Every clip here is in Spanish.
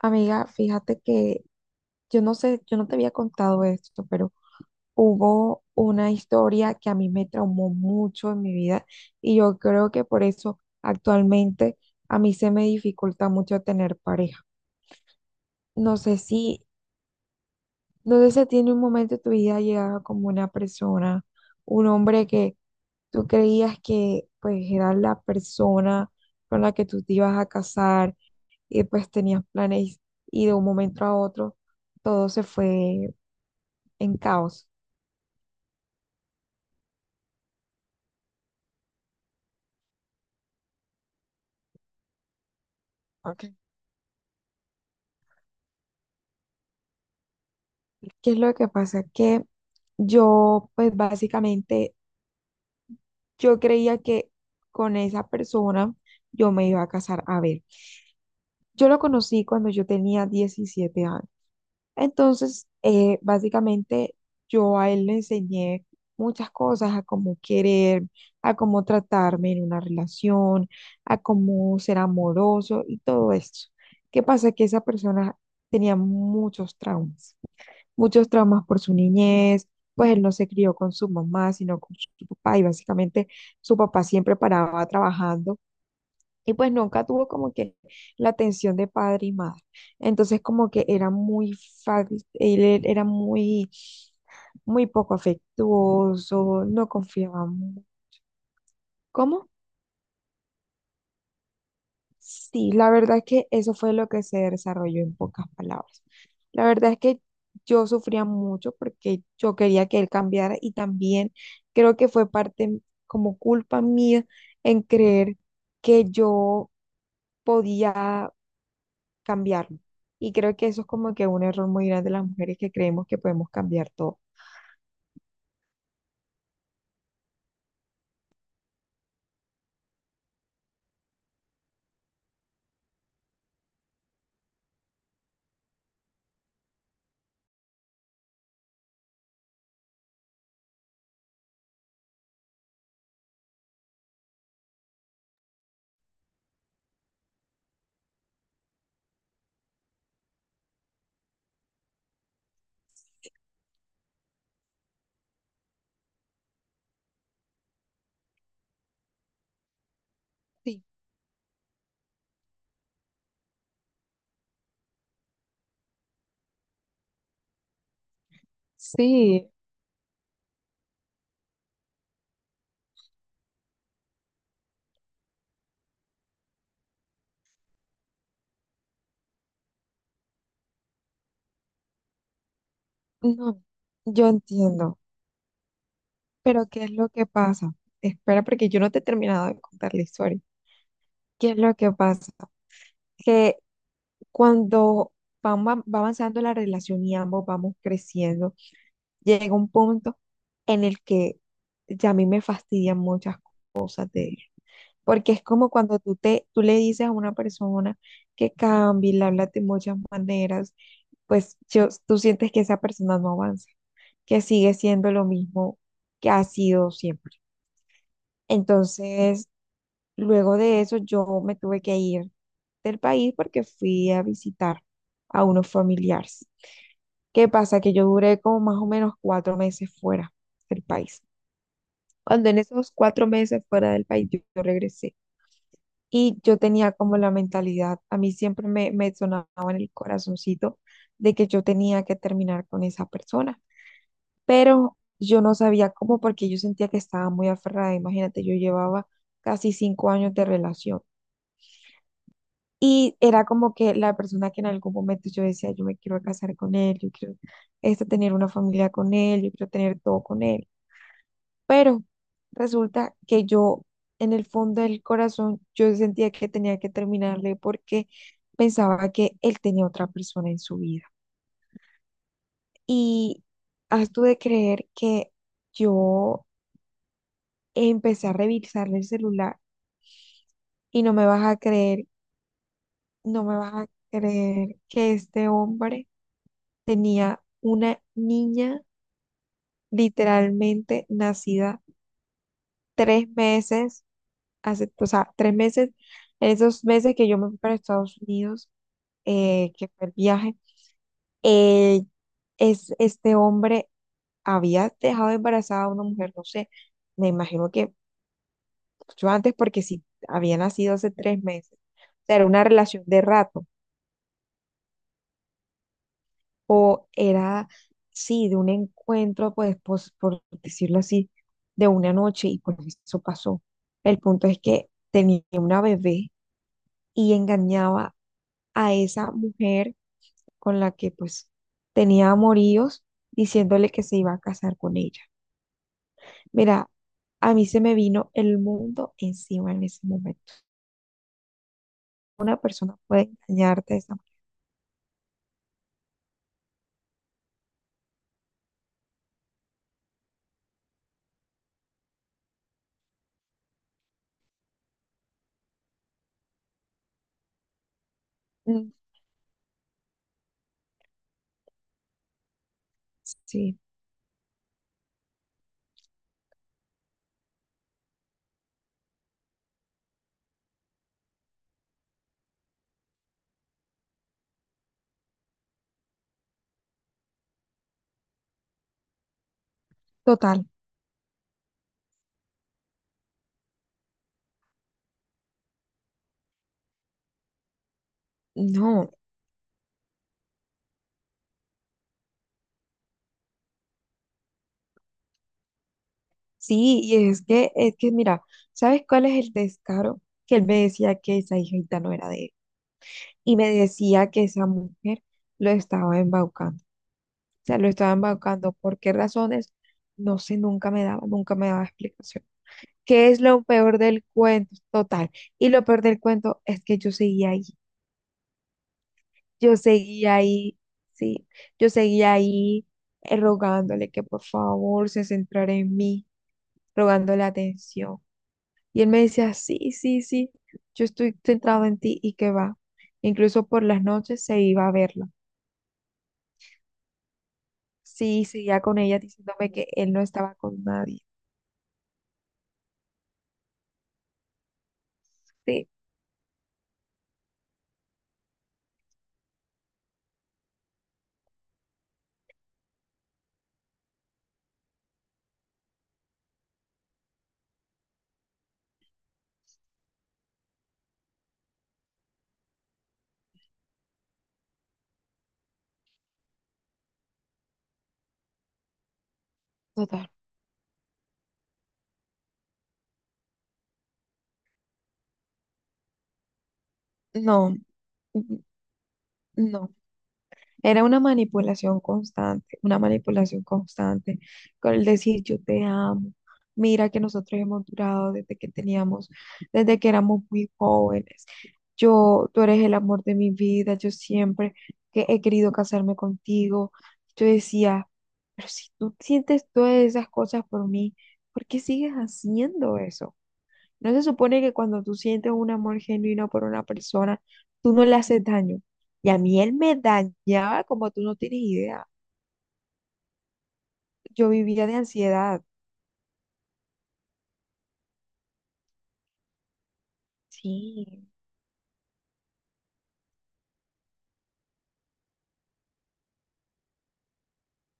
Amiga, fíjate que yo no sé, yo no te había contado esto, pero hubo una historia que a mí me traumó mucho en mi vida y yo creo que por eso actualmente a mí se me dificulta mucho tener pareja. No sé si ¿Dónde se tiene un momento de tu vida llegaba como una persona, un hombre que tú creías que pues era la persona con la que tú te ibas a casar y pues tenías planes y de un momento a otro todo se fue en caos? Ok. ¿Qué es lo que pasa? Que yo, pues básicamente, yo creía que con esa persona yo me iba a casar. A ver, yo lo conocí cuando yo tenía 17 años. Entonces, básicamente yo a él le enseñé muchas cosas, a cómo querer, a cómo tratarme en una relación, a cómo ser amoroso y todo esto. ¿Qué pasa? Que esa persona tenía muchos traumas por su niñez, pues él no se crió con su mamá, sino con su papá y básicamente su papá siempre paraba trabajando y pues nunca tuvo como que la atención de padre y madre. Entonces como que era muy, fa- él e- era muy, muy poco afectuoso, no confiaba. ¿Cómo? Sí, la verdad es que eso fue lo que se desarrolló en pocas palabras. La verdad es que yo sufría mucho porque yo quería que él cambiara y también creo que fue parte como culpa mía en creer que yo podía cambiarlo. Y creo que eso es como que un error muy grande de las mujeres que creemos que podemos cambiar todo. Sí, sí, no, yo entiendo, pero ¿qué es lo que pasa? Espera, porque yo no te he terminado de contar la historia. ¿Qué es lo que pasa? Que cuando van va va avanzando la relación y ambos vamos creciendo, llega un punto en el que ya a mí me fastidian muchas cosas de él. Porque es como cuando tú le dices a una persona que cambie, le hablas de muchas maneras, pues tú sientes que esa persona no avanza, que sigue siendo lo mismo que ha sido siempre. Entonces, luego de eso, yo me tuve que ir del país porque fui a visitar a unos familiares. ¿Qué pasa? Que yo duré como más o menos 4 meses fuera del país. Cuando en esos 4 meses fuera del país, yo regresé. Y yo tenía como la mentalidad, a mí siempre me sonaba en el corazoncito de que yo tenía que terminar con esa persona, pero yo no sabía cómo porque yo sentía que estaba muy aferrada. Imagínate, yo llevaba casi 5 años de relación y era como que la persona que en algún momento yo decía, yo me quiero casar con él, yo quiero este, tener una familia con él, yo quiero tener todo con él. Pero resulta que yo, en el fondo del corazón, yo sentía que tenía que terminarle porque pensaba que él tenía otra persona en su vida. Y has tú de creer que yo empecé a revisarle el celular y no me vas a creer, no me vas a creer que este hombre tenía una niña literalmente nacida 3 meses, hace, o sea, 3 meses, en esos meses que yo me fui para Estados Unidos, que fue el viaje, eh, este hombre había dejado embarazada a una mujer, no sé, me imagino que mucho antes, porque si había nacido hace 3 meses, o sea, era una relación de rato, o era, sí, de un encuentro, pues, por decirlo así, de una noche, y por eso pasó. El punto es que tenía una bebé y engañaba a esa mujer con la que pues tenía amoríos, diciéndole que se iba a casar con ella. Mira, a mí se me vino el mundo encima en ese momento. Una persona puede engañarte de esa manera. Mm, sí, total. No, sí, y es que mira, ¿sabes cuál es el descaro? Que él me decía que esa hijita no era de él y me decía que esa mujer lo estaba embaucando. O sea, lo estaba embaucando. ¿Por qué razones? No sé, nunca me daba, nunca me daba explicación. ¿Qué es lo peor del cuento? Total. Y lo peor del cuento es que yo seguía ahí. Yo seguía ahí, sí. Yo seguía ahí, rogándole que por favor se centrara en mí, rogándole atención. Y él me decía, sí, sí, sí, yo estoy centrado en ti y que va. Incluso por las noches se iba a verla. Sí, seguía con ella diciéndome que él no estaba con nadie. Sí, total. No, n- no. Era una manipulación constante, con el decir yo te amo, mira que nosotros hemos durado desde que teníamos, desde que éramos muy jóvenes, yo, tú eres el amor de mi vida, yo siempre que he querido casarme contigo, yo decía, pero si tú sientes todas esas cosas por mí, ¿por qué sigues haciendo eso? ¿No se supone que cuando tú sientes un amor genuino por una persona, tú no le haces daño? Y a mí él me dañaba como tú no tienes idea. Yo vivía de ansiedad. Sí,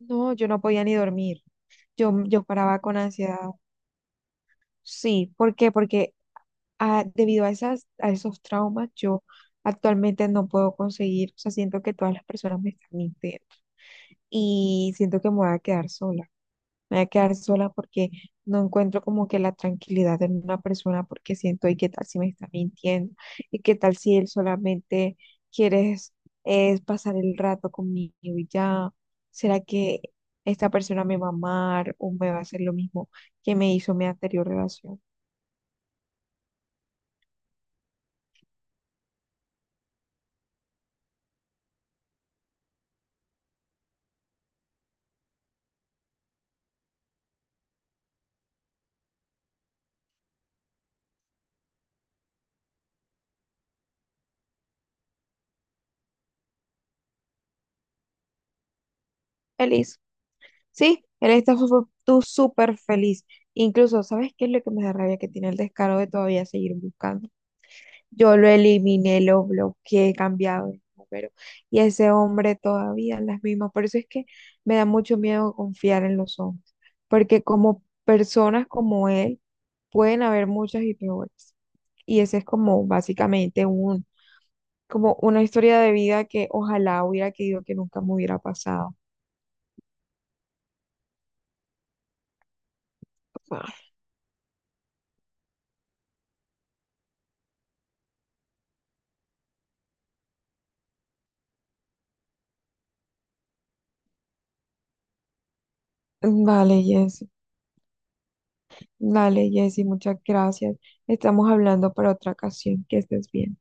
no, yo no podía ni dormir. Yo paraba con ansiedad. Sí, ¿por qué? Porque debido a esos traumas, yo actualmente no puedo conseguir, o sea, siento que todas las personas me están mintiendo y siento que me voy a quedar sola. Me voy a quedar sola porque no encuentro como que la tranquilidad en una persona porque siento, ¿y qué tal si me está mintiendo? ¿Y qué tal si él solamente quiere es pasar el rato conmigo y ya? ¿Será que esta persona me va a amar o me va a hacer lo mismo que me hizo mi anterior relación? Feliz. Sí, él está tú súper feliz. Incluso, ¿sabes qué es lo que me da rabia? Que tiene el descaro de todavía seguir buscando. Yo lo eliminé, lo bloqueé, he cambiado de número. Y ese hombre todavía las mismas. Por eso es que me da mucho miedo confiar en los hombres. Porque como personas como él, pueden haber muchas y peores. Y ese es como básicamente un, como una historia de vida que ojalá hubiera querido que nunca me hubiera pasado. Ah, vale, Jessy. Vale, Jessy, muchas gracias. Estamos hablando para otra ocasión. Que estés bien.